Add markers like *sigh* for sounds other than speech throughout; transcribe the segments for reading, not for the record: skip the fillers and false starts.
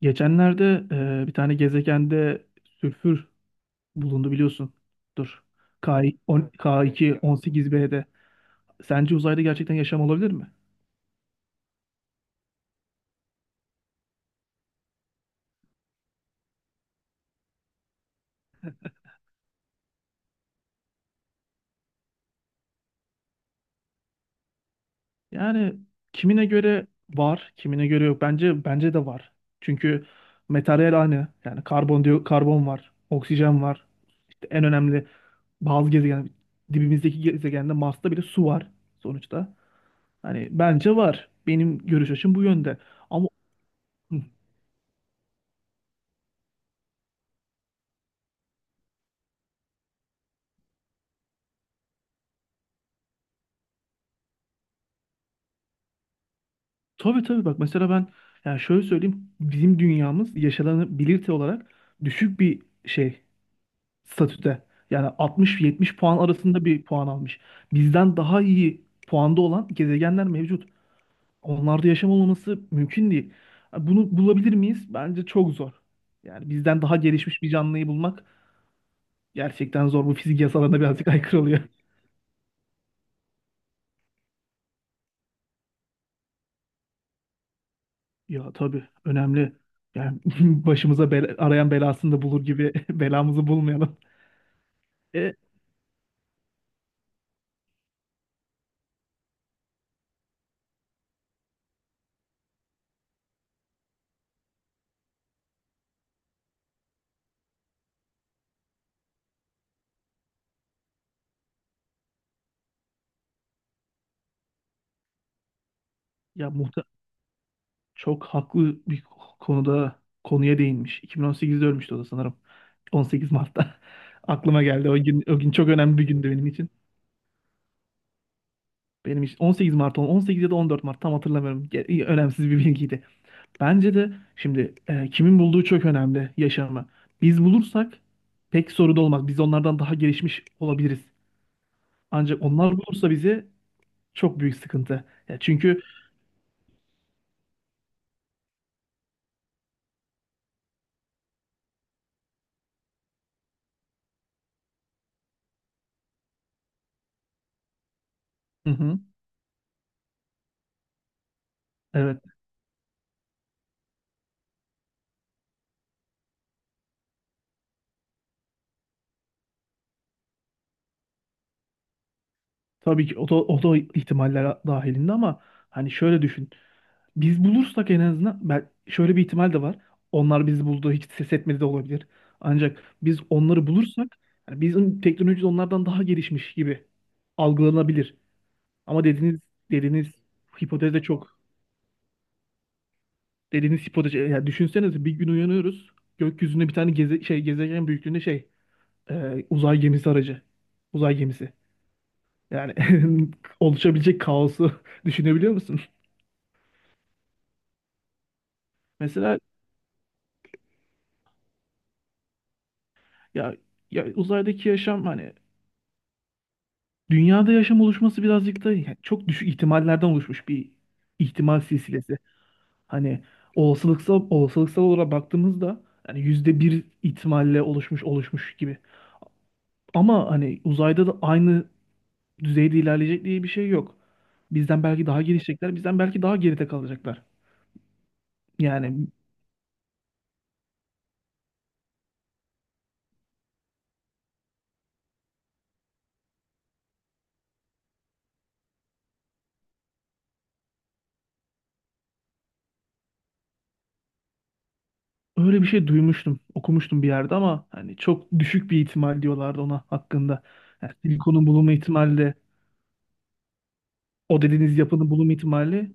Geçenlerde bir tane gezegende sülfür bulundu biliyorsun. Dur. K K2 18b'de. Sence uzayda gerçekten yaşam olabilir mi? Yani kimine göre var, kimine göre yok. Bence de var. Çünkü materyal aynı. Yani karbon diyor, karbon var, oksijen var. İşte en önemli bazı gezegen dibimizdeki gezegende Mars'ta bile su var sonuçta. Hani bence var. Benim görüş açım bu yönde. Ama hı, tabii tabii bak mesela ben yani şöyle söyleyeyim bizim dünyamız yaşanabilirte olarak düşük bir şey. Statüde. Yani 60-70 puan arasında bir puan almış. Bizden daha iyi puanda olan gezegenler mevcut. Onlarda yaşam olmaması mümkün değil. Bunu bulabilir miyiz? Bence çok zor. Yani bizden daha gelişmiş bir canlıyı bulmak gerçekten zor. Bu fizik yasalarına birazcık *laughs* aykırı oluyor. Ya tabii önemli. Yani *laughs* başımıza bela, arayan belasını da bulur gibi *laughs* belamızı bulmayalım. E, Ya muhtemelen çok haklı bir konuda konuya değinmiş. 2018'de ölmüştü o da sanırım. 18 Mart'ta. *laughs* Aklıma geldi. O gün çok önemli bir gündü benim için. Benim için 18 ya da 14 Mart tam hatırlamıyorum. İyi, önemsiz bir bilgiydi. Bence de şimdi kimin bulduğu çok önemli yaşamı. Biz bulursak pek sorun olmaz. Biz onlardan daha gelişmiş olabiliriz. Ancak onlar bulursa bizi çok büyük sıkıntı. Ya çünkü. Hı hı. Evet. Tabii ki o da ihtimaller dahilinde ama hani şöyle düşün. Biz bulursak en azından ben şöyle bir ihtimal de var. Onlar bizi buldu, hiç ses etmedi de olabilir. Ancak biz onları bulursak yani bizim teknolojimiz onlardan daha gelişmiş gibi algılanabilir. Ama dediğiniz hipotez de çok dediğiniz hipotez yani düşünsenize bir gün uyanıyoruz. Gökyüzünde bir tane gezegen büyüklüğünde şey uzay gemisi aracı. Uzay gemisi. Yani *laughs* oluşabilecek kaosu *laughs* düşünebiliyor musun? Mesela ya, ya uzaydaki yaşam hani dünyada yaşam oluşması birazcık da yani çok düşük ihtimallerden oluşmuş bir ihtimal silsilesi. Hani olasılıksal olarak baktığımızda yani %1 ihtimalle oluşmuş gibi. Ama hani uzayda da aynı düzeyde ilerleyecek diye bir şey yok. Bizden belki daha gelişecekler, bizden belki daha geride kalacaklar. Yani öyle bir şey duymuştum, okumuştum bir yerde ama hani çok düşük bir ihtimal diyorlardı ona hakkında. Yani silikonun bulunma ihtimali de, o dediğiniz yapının bulunma ihtimali.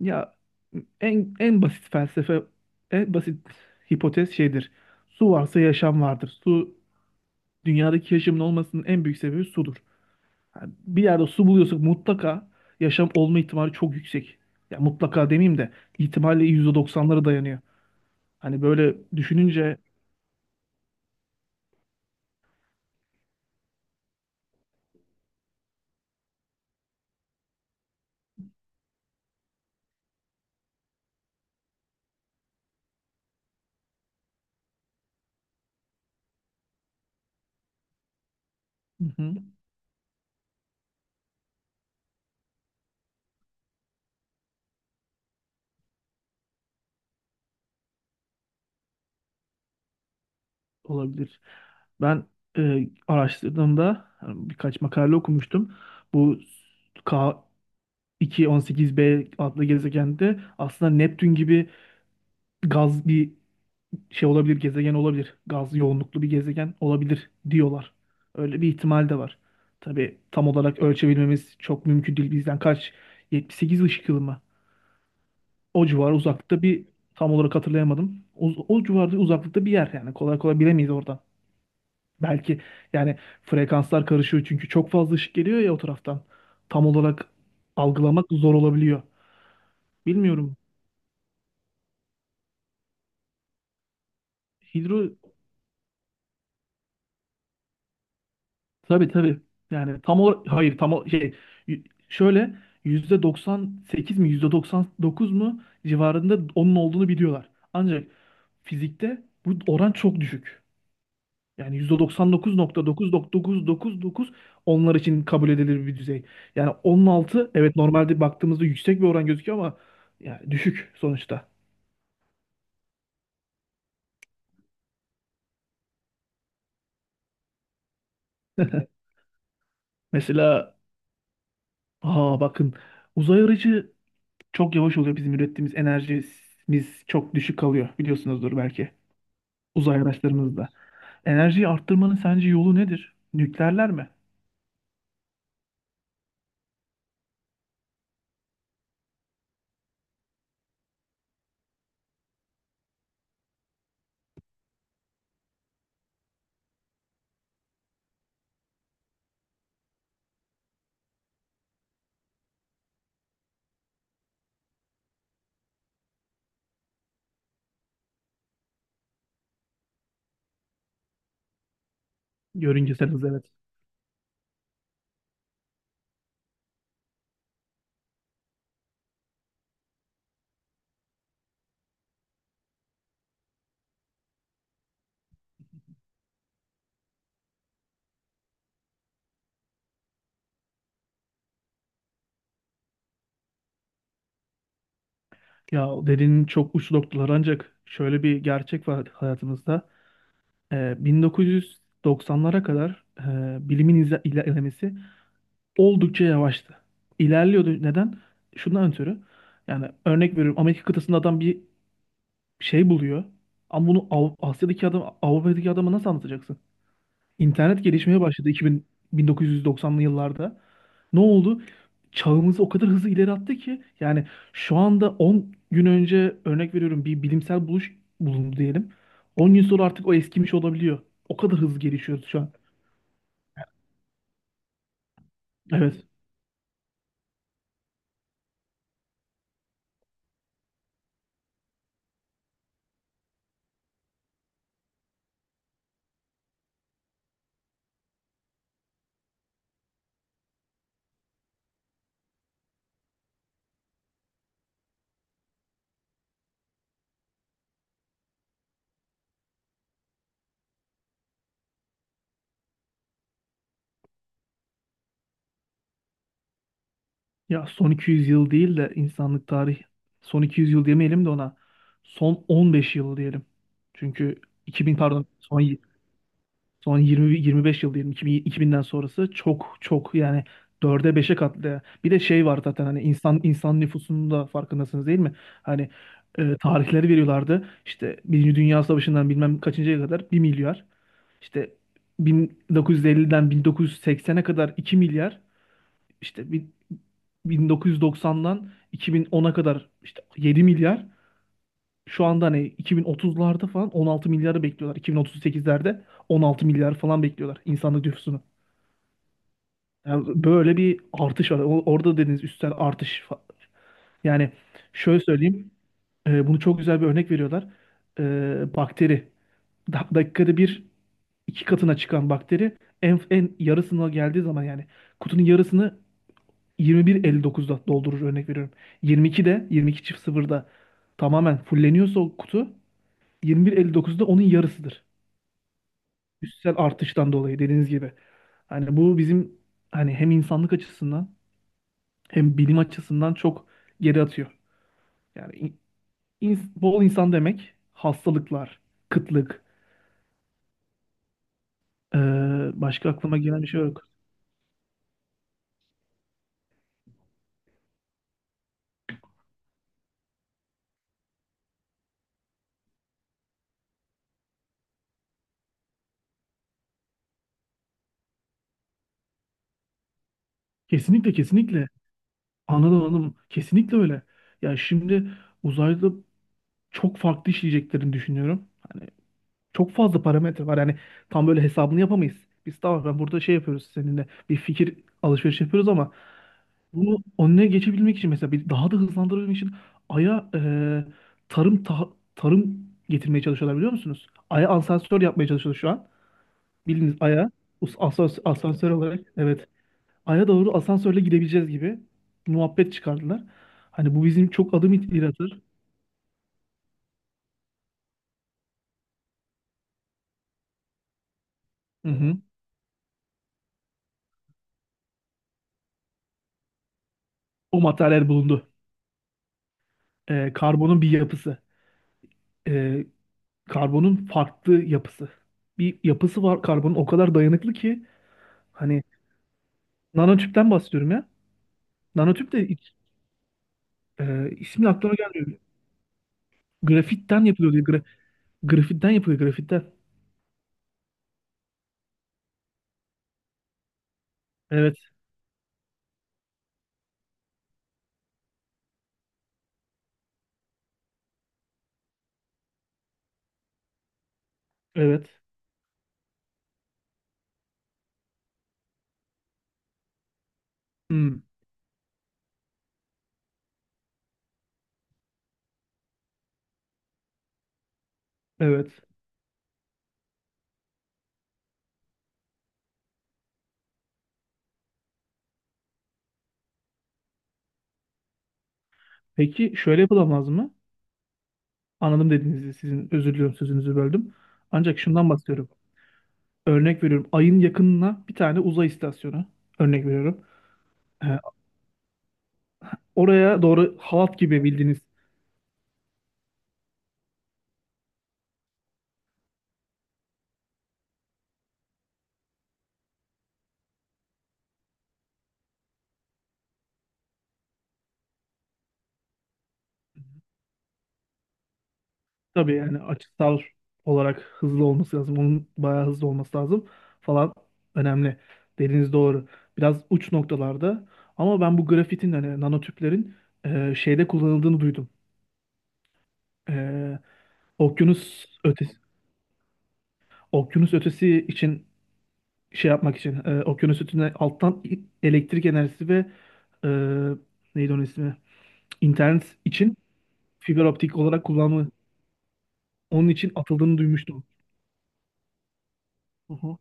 Ya en basit felsefe, en basit hipotez şeydir. Su varsa yaşam vardır. Su dünyadaki yaşamın olmasının en büyük sebebi sudur. Yani bir yerde su buluyorsak mutlaka yaşam olma ihtimali çok yüksek. Ya mutlaka demeyeyim de ihtimalle %90'lara dayanıyor. Hani böyle düşününce, hı hı, olabilir. Ben araştırdığımda hani birkaç makale okumuştum. Bu K218b adlı gezegende aslında Neptün gibi gaz bir şey olabilir, gezegen olabilir. Gaz yoğunluklu bir gezegen olabilir diyorlar. Öyle bir ihtimal de var. Tabii tam olarak ölçebilmemiz çok mümkün değil. Bizden kaç? 78 ışık yılı mı? O civar uzaklıkta bir tam olarak hatırlayamadım. O civarda uzaklıkta bir yer yani kolay kolay bilemeyiz oradan. Belki yani frekanslar karışıyor çünkü çok fazla ışık geliyor ya o taraftan. Tam olarak algılamak zor olabiliyor. Bilmiyorum. Hidro Tabii tabii. Yani tam olarak hayır tam o- şey y- şöyle %98 mi %99 mu civarında onun olduğunu biliyorlar. Ancak fizikte bu oran çok düşük. Yani %99.9999 onlar için kabul edilir bir düzey. Yani onun altı evet normalde baktığımızda yüksek bir oran gözüküyor ama yani düşük sonuçta. *laughs* Mesela aa bakın uzay aracı çok yavaş oluyor. Bizim ürettiğimiz enerjimiz çok düşük kalıyor biliyorsunuzdur belki uzay araçlarımızda. Enerjiyi arttırmanın sence yolu nedir? Nükleerler mi? Yörüngesel hız evet. Ya dediğin çok uç noktalar ancak şöyle bir gerçek var hayatımızda. 1990'lara kadar bilimin ilerlemesi oldukça yavaştı. İlerliyordu. Neden? Şundan ötürü. Yani örnek veriyorum Amerika kıtasında adam bir şey buluyor. Ama bunu Asya'daki adam Avrupa'daki adama nasıl anlatacaksın? İnternet gelişmeye başladı 2000, 1990'lı yıllarda. Ne oldu? Çağımızı o kadar hızlı ileri attı ki yani şu anda 10 gün önce örnek veriyorum bir bilimsel buluş bulundu diyelim. 10 gün sonra artık o eskimiş olabiliyor. O kadar hızlı gelişiyoruz şu an. Evet. Ya son 200 yıl değil de insanlık tarih son 200 yıl demeyelim de ona son 15 yıl diyelim. Çünkü 2000 pardon son 20 25 yıl diyelim 2000'den sonrası çok çok yani dörde beşe katlayan. Bir de şey var zaten hani insan nüfusunun da farkındasınız değil mi? Hani tarihleri veriyorlardı. İşte Birinci Dünya Savaşı'ndan bilmem kaçıncıya kadar 1 milyar. İşte 1950'den 1980'e kadar 2 milyar. İşte 1990'dan 2010'a kadar işte 7 milyar. Şu anda hani 2030'larda falan 16 milyarı bekliyorlar. 2038'lerde 16 milyar falan bekliyorlar insanlık nüfusunu. Yani böyle bir artış var. Orada dediğiniz üstel artış. Yani şöyle söyleyeyim. Bunu çok güzel bir örnek veriyorlar. Bakteri. Dakikada bir iki katına çıkan bakteri en yarısına geldiği zaman yani kutunun yarısını 21.59'da doldurur örnek veriyorum. 22'de 22 çift sıfırda tamamen fulleniyorsa o kutu 21.59'da onun yarısıdır. Üstsel artıştan dolayı dediğiniz gibi. Hani bu bizim hani hem insanlık açısından hem bilim açısından çok geri atıyor. Yani bol insan demek hastalıklar, kıtlık, ee, başka aklıma gelen bir şey yok. Kesinlikle kesinlikle. Anladım anladım. Kesinlikle öyle. Ya şimdi uzayda çok farklı işleyeceklerini düşünüyorum. Hani çok fazla parametre var. Yani tam böyle hesabını yapamayız. Biz tamam ben burada şey yapıyoruz seninle bir fikir alışverişi yapıyoruz ama bunu önüne geçebilmek için mesela bir daha da hızlandırabilmek için Ay'a tarım ta- tarım getirmeye çalışıyorlar biliyor musunuz? Ay'a asansör yapmaya çalışıyor şu an. Bildiğiniz Ay'a asansör olarak evet. Ay'a doğru asansörle gidebileceğiz gibi bir muhabbet çıkardılar. Hani bu bizim çok adım yaratır. Hı hı. O materyal bulundu. Karbonun bir yapısı. Karbonun farklı yapısı. Bir yapısı var karbonun o kadar dayanıklı ki hani nanotüpten bahsediyorum ya. Nanotüp de hiç, ismi aklıma gelmiyor. Grafitten yapılıyor diye. Grafitten yapılıyor grafitten. Evet. Evet. Hmm, evet. Peki şöyle yapılamaz lazım mı? Anladım dediğinizi sizin özür diliyorum sözünüzü böldüm. Ancak şundan bahsediyorum. Örnek veriyorum. Ayın yakınına bir tane uzay istasyonu. Örnek veriyorum. E, Oraya doğru halat gibi bildiğiniz. Tabii yani açısal olarak hızlı olması lazım. Onun bayağı hızlı olması lazım falan önemli. Dediğiniz doğru. Biraz uç noktalarda ama ben bu grafitin hani nanotüplerin şeyde kullanıldığını duydum. E, okyanus ötesi okyanus ötesi için şey yapmak için okyanus ötesine alttan elektrik enerjisi ve e, neydi onun ismi? İnternet için fiber optik olarak kullanımı onun için atıldığını duymuştum. Hı hı.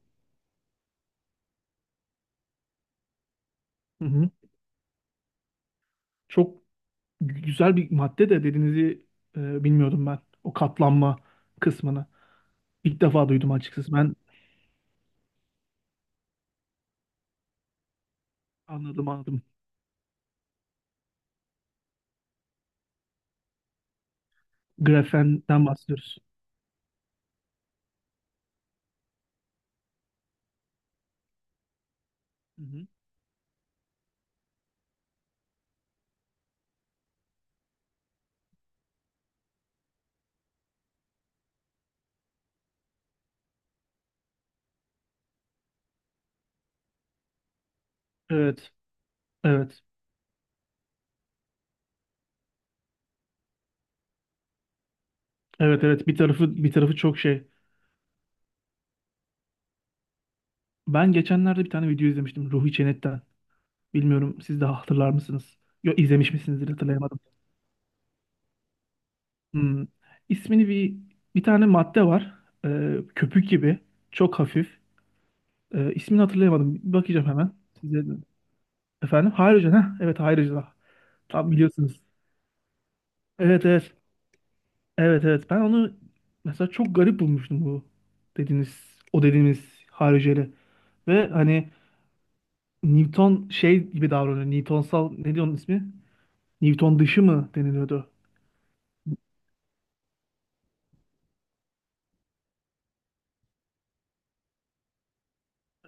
Hı hı. Çok güzel bir madde de dediğinizi bilmiyordum ben. O katlanma kısmını. İlk defa duydum açıkçası. Ben anladım anladım. Grafenden bahsediyoruz. Hı hı. Evet. Evet. Evet evet bir tarafı bir tarafı çok şey. Ben geçenlerde bir tane video izlemiştim Ruhi Çenet'ten. Bilmiyorum siz de hatırlar mısınız? Yok izlemiş misinizdir hatırlayamadım. Hmm. İsmini bir tane madde var. Köpük gibi. Çok hafif. İsmini hatırlayamadım. Bakacağım hemen. Size efendim hidrojen ha evet hidrojen. Tam biliyorsunuz. Evet evet. Evet evet. Ben onu mesela çok garip bulmuştum bu dediğiniz o dediğimiz hariceli. Ve hani Newton şey gibi davranıyor. Newtonsal ne diyor onun ismi? Newton dışı mı deniliyordu?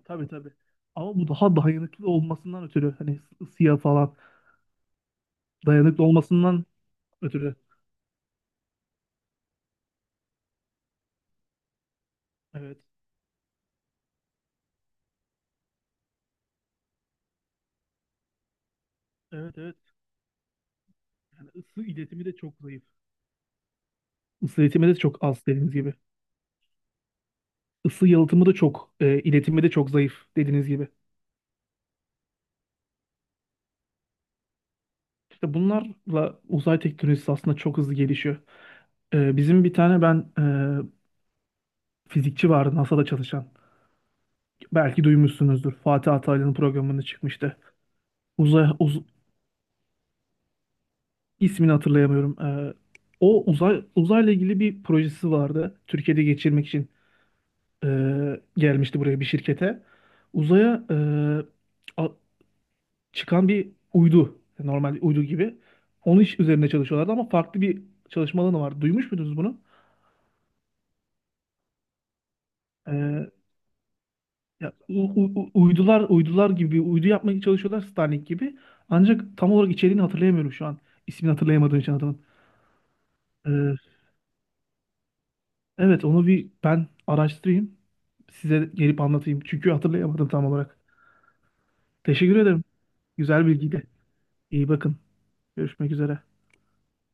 Tabii tabii. Ama bu daha dayanıklı olmasından ötürü hani ısıya falan dayanıklı olmasından ötürü. Evet. Evet evet. Yani ısı iletimi de çok zayıf. Isı iletimi de çok az dediğiniz gibi. Isı yalıtımı da çok iletimi de çok zayıf dediğiniz gibi. İşte bunlarla uzay teknolojisi aslında çok hızlı gelişiyor. Bizim bir tane ben fizikçi vardı NASA'da çalışan. Belki duymuşsunuzdur. Fatih Altaylı'nın programında çıkmıştı. Uzay uz- ismini hatırlayamıyorum. O uzayla ilgili bir projesi vardı. Türkiye'de geçirmek için gelmişti buraya bir şirkete. Uzaya a- çıkan bir uydu, normal bir uydu gibi. Onun iş üzerine çalışıyorlardı ama farklı bir çalışma alanı vardı. Duymuş muydunuz bunu? Ee, Ya, uydular gibi uydu yapmaya çalışıyorlar Starlink gibi. Ancak tam olarak içeriğini hatırlayamıyorum şu an. İsmini hatırlayamadığım için adamın. Ee, evet onu bir ben araştırayım. Size gelip anlatayım. Çünkü hatırlayamadım tam olarak. Teşekkür ederim. Güzel bilgiydi. İyi bakın. Görüşmek üzere.